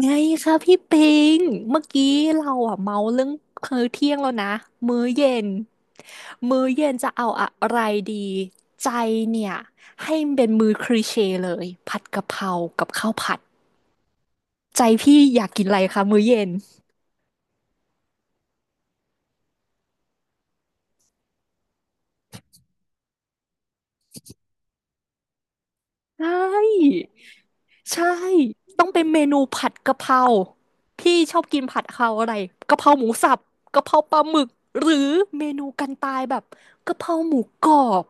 ไงคะพี่ปิงเมื่อกี้เราอะเมาเรื่องมื้อเที่ยงแล้วนะ มื้อเย็น มื้อเย็นจะเอาอะไรดีใจเนี่ยให้มันเป็นมื้อคลีเช่เลยผัดกะเพรากับข้าวผัดใจพี่อยากกินอะไรคะมื้อเย็นใช่ ใช่ต้องเป็นเมนูผัดกะเพราพี่ชอบกินผัดกะเพราอะไรกะเพราหมูสับกะเพราปลาหมึกหรือเมนูกันตายแบบกะเพราหมูกรอบ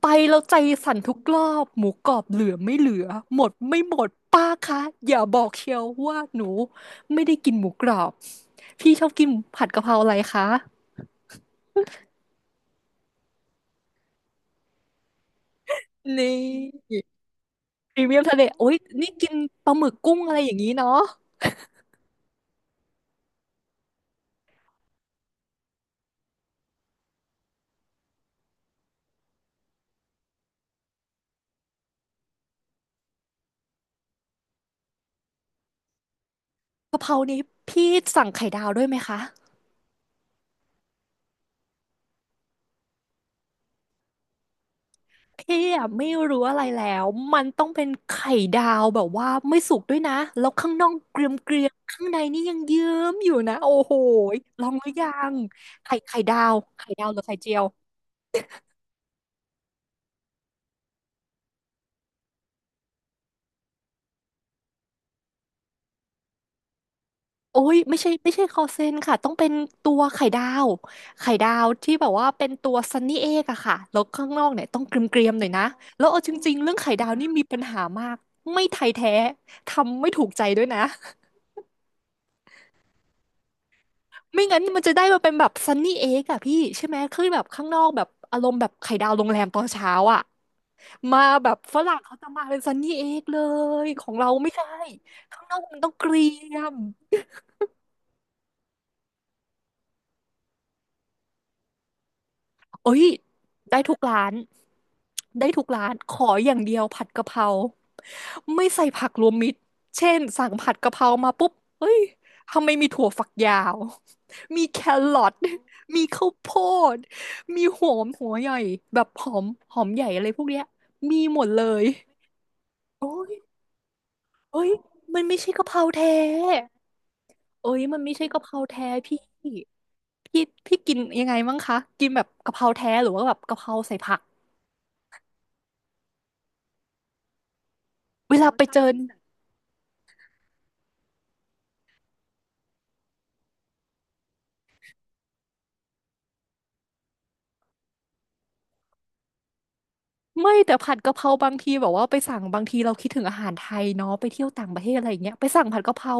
ไปแล้วใจสั่นทุกรอบหมูกรอบเหลือไม่เหลือหมดไม่หมดป้าคะอย่าบอกเชียวว่าหนูไม่ได้กินหมูกรอบพี่ชอบกินผัดกะเพราอะไรคะนี่พรีเมียมทะเลโอ๊ยนี่กินปลาหมึกกุ้งอะไรอย่างนี้เนาะกะเพรานี้พี่สั่งไข่ดาวด้วยไหมคะ เอ๊ะไม่รู้อะไรแล้วมันต้องเป็นไข่ดาวแบบว่าไม่สุกด้วยนะแล้วข้างนอกเกรียมเกรียมข้างในนี่ยังเยิ้มอยู่นะโอ้โหยลองหรือยังไข่ไข่ดาวไข่ดาวหรือไข่เจียวโอ้ยไม่ใช่ไม่ใช่คอเซนค่ะต้องเป็นตัวไข่ดาวไข่ดาวที่แบบว่าเป็นตัวซันนี่เอกอะค่ะแล้วข้างนอกเนี่ยต้องเกรียมเกรีมหน่อยนะแล้วเอาจริงๆเรื่องไข่ดาวนี่มีปัญหามากไม่ไทยแท้ทำไม่ถูกใจด้วยนะ ไม่งั้นมันจะได้มาเป็นแบบซันนี่เอ็กอะพี่ใช่ไหมคือแบบข้างนอกแบบอารมณ์แบบไข่ดาวโรงแรมตอนเช้าอะมาแบบฝรั่งเขาจะมาเป็นซันนี่เอ็กเลยของเราไม่ใช่ข้างนอกมันต้องเกรียม โอ้ยได้ทุกร้านได้ทุกร้านขออย่างเดียวผัดกะเพราไม่ใส่ผักรวมมิตรเช่นสั่งผัดกะเพรามาปุ๊บเฮ้ยทำไมมีถั่วฝักยาวมีแครอทมีข้าวโพดมีหอมหัวใหญ่แบบหอมหอมใหญ่อะไรพวกเนี้ยมีหมดเลยโอ้ยเอ้ยมันไม่ใช่กะเพราแท้เอ้ยมันไม่ใช่กะเพราแท้พี่พี่พี่กินยังไงมั้งคะกินแบบกะเพราแท้หรือว่าแบบกะเพราใส่ผักเวลาไปเจอ ไม่แต่ผัดกะเพราบางทีแบบว่าไปสั่งบางทีเราคิดถึงอาหารไทยเนาะไปเที่ยวต่างประเทศอะไรอย่างเงี้ยไปสั่งผัดกะเพรา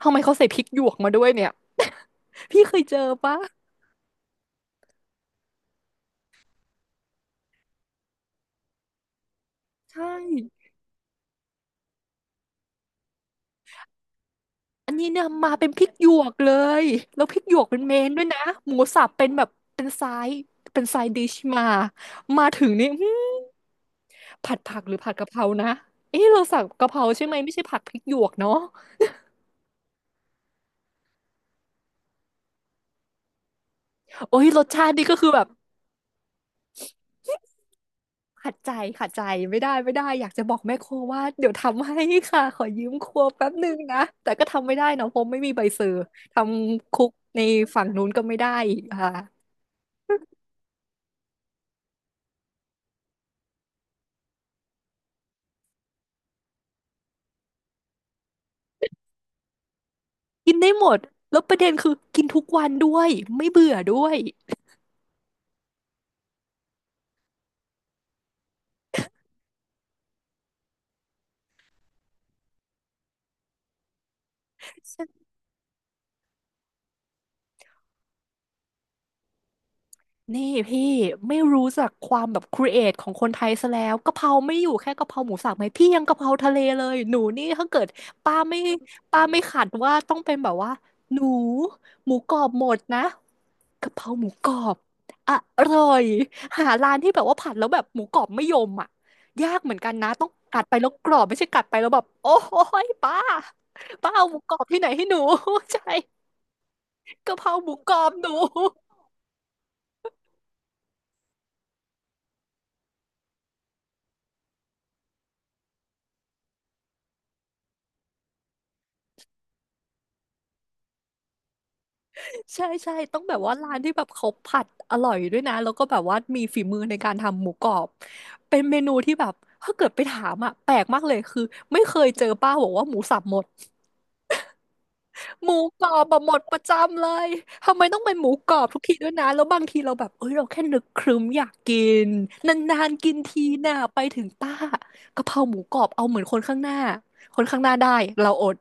ทำไมเขาใส่พริกหยวกมาด้วยเนี่ย พี่เคยเจอปะใช่อันนี้เนี่ยมาเป็นพริกหยวกเลยแล้วพริกหยวกเป็นเมนด้วยนะหมูสับเป็นแบบเป็นไซส์เป็นไซส์ดิชมามาถึงนี่อื้อผัดผักหรือผัดกะเพรานะเอ๊ะเราสั่งกะเพราใช่ไหมไม่ใช่ผัดพริกหยวกเนาะโอ้ยรสชาตินี่ก็คือแบบ ขัดใจขัดใจไม่ได้ไม่ได้อยากจะบอกแม่ครัวว่าเดี๋ยวทำให้ค่ะขอยืมครัวแป๊บนึงนะแต่ก็ทำไม่ได้เนาะเพราะไม่มีใบเซอร์ทำคุกในฝั่งนู้นก็ไม่ได้อีกค่ะกินได้หมดแล้วประเด็นคือกินทุกวันด้วยไม่เบื่อด้วยนี่พี่ไม่รู้จักความแบบครีเอทของคนไทยซะแล้วกะเพราไม่อยู่แค่กะเพราหมูสับไหมพี่ยังกะเพราทะเลเลยหนูนี่ถ้าเกิดป้าไม่ป้าไม่ขัดว่าต้องเป็นแบบว่าหนูหมูกรอบหมดนะ กะเพราหมูกรอบอร่อยหาร้านที่แบบว่าผัดแล้วแบบหมูกรอบไม่ยมอ่ะยากเหมือนกันนะต้องกัดไปแล้วกรอบไม่ใช่กัดไปแล้วแบบโอ้ยป้าเอาหมูกรอบที่ไหนให้หนู ใช่กะเพราหมูกรอบหนูใช่ใช่ต้องแบบว่าร้านที่แบบเขาผัดอร่อยด้วยนะแล้วก็แบบว่ามีฝีมือในการทำหมูกรอบเป็นเมนูที่แบบถ้าเกิดไปถามอ่ะแปลกมากเลยคือไม่เคยเจอป้าบอกว่าหมูสับหมด หมูกรอบแบบหมดประจำเลย ทำไมต้องเป็นหมูกรอบทุกทีด้วยนะ แล้วบางทีเราแบบเอ้ย เราแค่นึกครึ้มอยากกินนานๆกินทีน่ะไปถึงป้ากะเพราหมูกรอบเอาเหมือนคนข้างหน้าคนข้างหน้าได้เราอด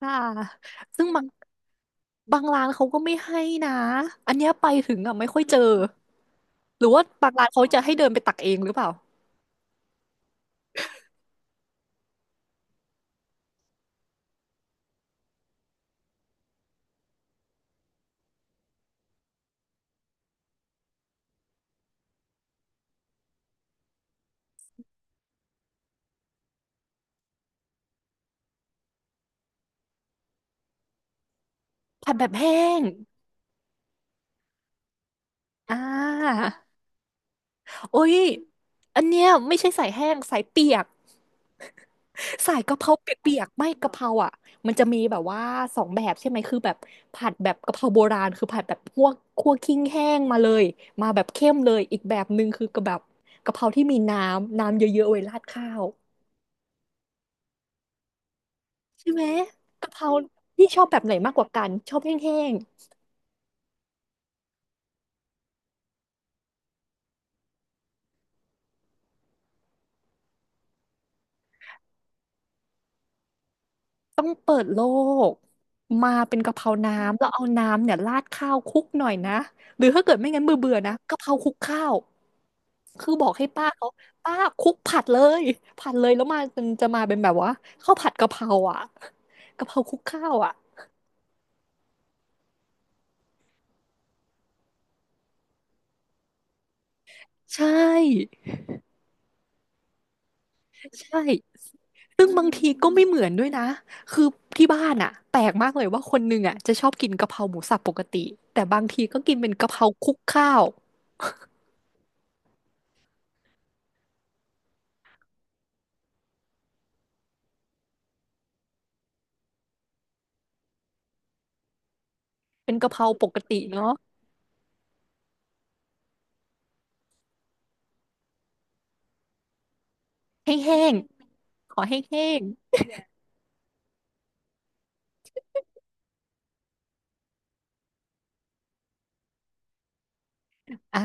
ค่ะซึ่งบางร้านเขาก็ไม่ให้นะอันเนี้ยไปถึงอ่ะไม่ค่อยเจอหรือว่าบางร้านเขาจะให้เดินไปตักเองหรือเปล่าผัดแบบแห้งอ่าโอ้ยอันเนี้ยไม่ใช่ใส่แห้งใส่เปียก สายกะเพราเปียกๆไม่กะเพราอ่ะมันจะมีแบบว่าสองแบบใช่ไหมคือแบบผัดแบบกะเพราโบราณคือผัดแบบคัวกคั่วขิ้งแห้งมาเลยมาแบบเข้มเลยอีกแบบหนึ่งคือกะแบบกะเพราที่มีน้ำน้ำเยอะๆไว้ราดข้าวใช่ไหมกะเพราที่ชอบแบบไหนมากกว่ากันชอบแห้ง ต้องเปิดโลกมาเป็นกะเพราน้ำแล้วเอาน้ำเนี่ยราดข้าวคลุกหน่อยนะหรือถ้าเกิดไม่งั้นเบื่อเบื่อนะกะเพราคลุกข้าวคือบอกให้ป้าเขาป้าคลุกผัดเลยผัดเลยแล้วมามันจะมาเป็นแบบว่าข้าวผัดกะเพราอ่ะกะเพราคลุกข้าวอ่ะใช่ใช่ซึ่งบางทีก็ไม่เหมือนด้วยนะคือที่บ้านอ่ะแปลกมากเลยว่าคนหนึ่งอ่ะจะชอบกินกะเพราหมูสับปกติแต่บางทีก็กินเป็นกะเพราคลุกข้าวเป็นกะเพราปกติเนาะ แห้งๆขอแห้งๆอ่า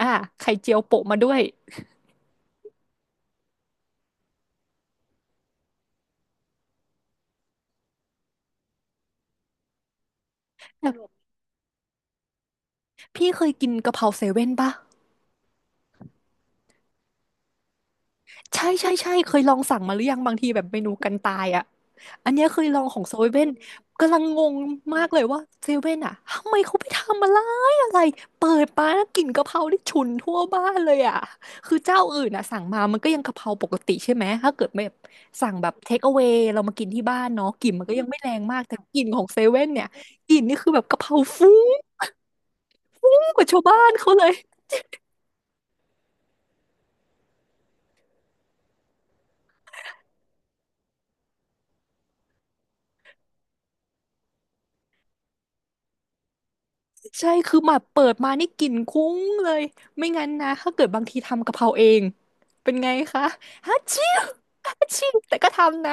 อ่า ไข่เจียวโปะมาด้วยแต่พี่เคยกินกะเพราเซเว่นปะใช่ใช่ใช่เคยลองสั่งมาหรือยังบางทีแบบเมนูกันตายอ่ะ อันเนี้ยเคยลองของเซเว่นกำลังงงมากเลยว่าเซเว่นอะทำไมเขาไปทำอะไรอะไรเปิดมาแล้วกลิ่นกะเพราที่ฉุนทั่วบ้านเลยอะคือเจ้าอื่นอะสั่งมามันก็ยังกะเพราปกติใช่ไหมถ้าเกิดไม่สั่งแบบเทคเอา a y เรามากินที่บ้านเนาะกลิ่นมันก็ยังไม่แรงมากแต่กลิ่นของเซเว่นเนี่ยกลิ่นนี่คือแบบกะเพราฟุ้งกว่าชาวบ้านเขาเลย ใช่ คือแบบเปิดมานี่กลิ่นคุ้งเลย ไม่งั้นนะ ถ้าเกิดบางทีทำกะเพราเอง เป็นไงคะฮัชชิวฮัชชิวแต่ก็ทำนะ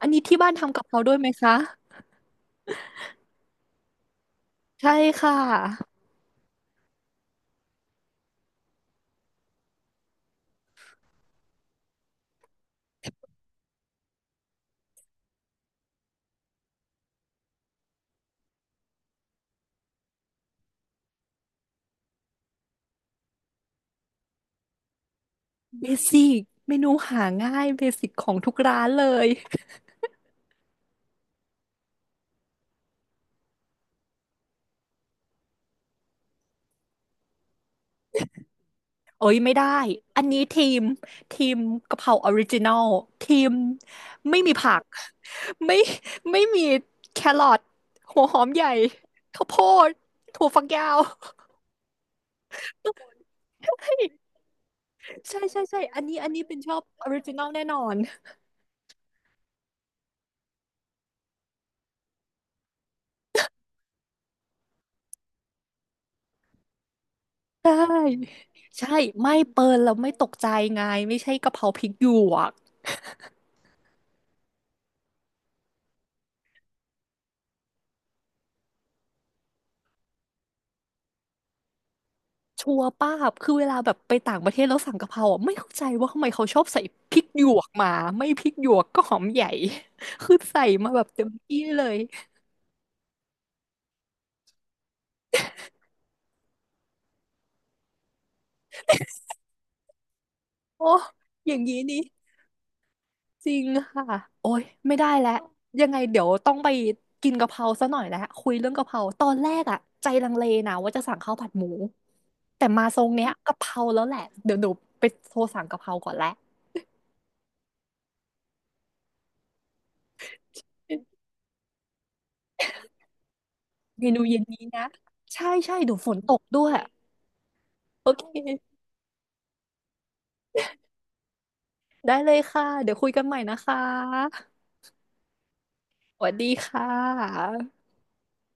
อันนี้ที่บ้านทำกะเพราด้วยไหมคะ ใช่ค่ะเบสิกเมนูหาง่ายเบสิกของทุกร้านเลยโอ้ยไม่ได้ อันนี้ทีมกะเพราออริจินอลทีมไม่มีผัก ไม่ ไม่มีแครอทหัวหอมใหญ่ข้าวโพดถั่วฝักยาว เฮ้ย ใช่ใช่ใช่อันนี้เป็นชอบออริจินอลแน่นอน ใช่ใช่ไม่เปิดแล้วไม่ตกใจไงไม่ใช่กะเพราพริกหยวกชัวร์ป้าบคือเวลาแบบไปต่างประเทศแล้วสั่งกะเพราอ่ะไม่เข้าใจว่าทำไมเขาชอบใส่พริกหยวกมาไม่พริกหยวกก็หอมใหญ่ คือใส่มาแบบเต็มที่เลยโอ้อย่างนี้นี่ จริงค่ะโอ้ยไม่ได้แล้วยังไงเดี๋ยวต้องไปกินกะเพราซะหน่อยแล้วคุยเรื่องกะเพราตอนแรกอะใจลังเลนะว่าจะสั่งข้าวผัดหมูแต่มาทรงเนี้ยกะเพราแล้วแหละเดี๋ยวหนูไปโทรสั่งกะเพราก่อนแหละเมนูเย็นนี้นะใช่ใช่เดี๋ยวฝนตกด้วยโอเคได้เลยค่ะเดี๋ยวคุยกันใหม่นะคะสวัสดีค่ะ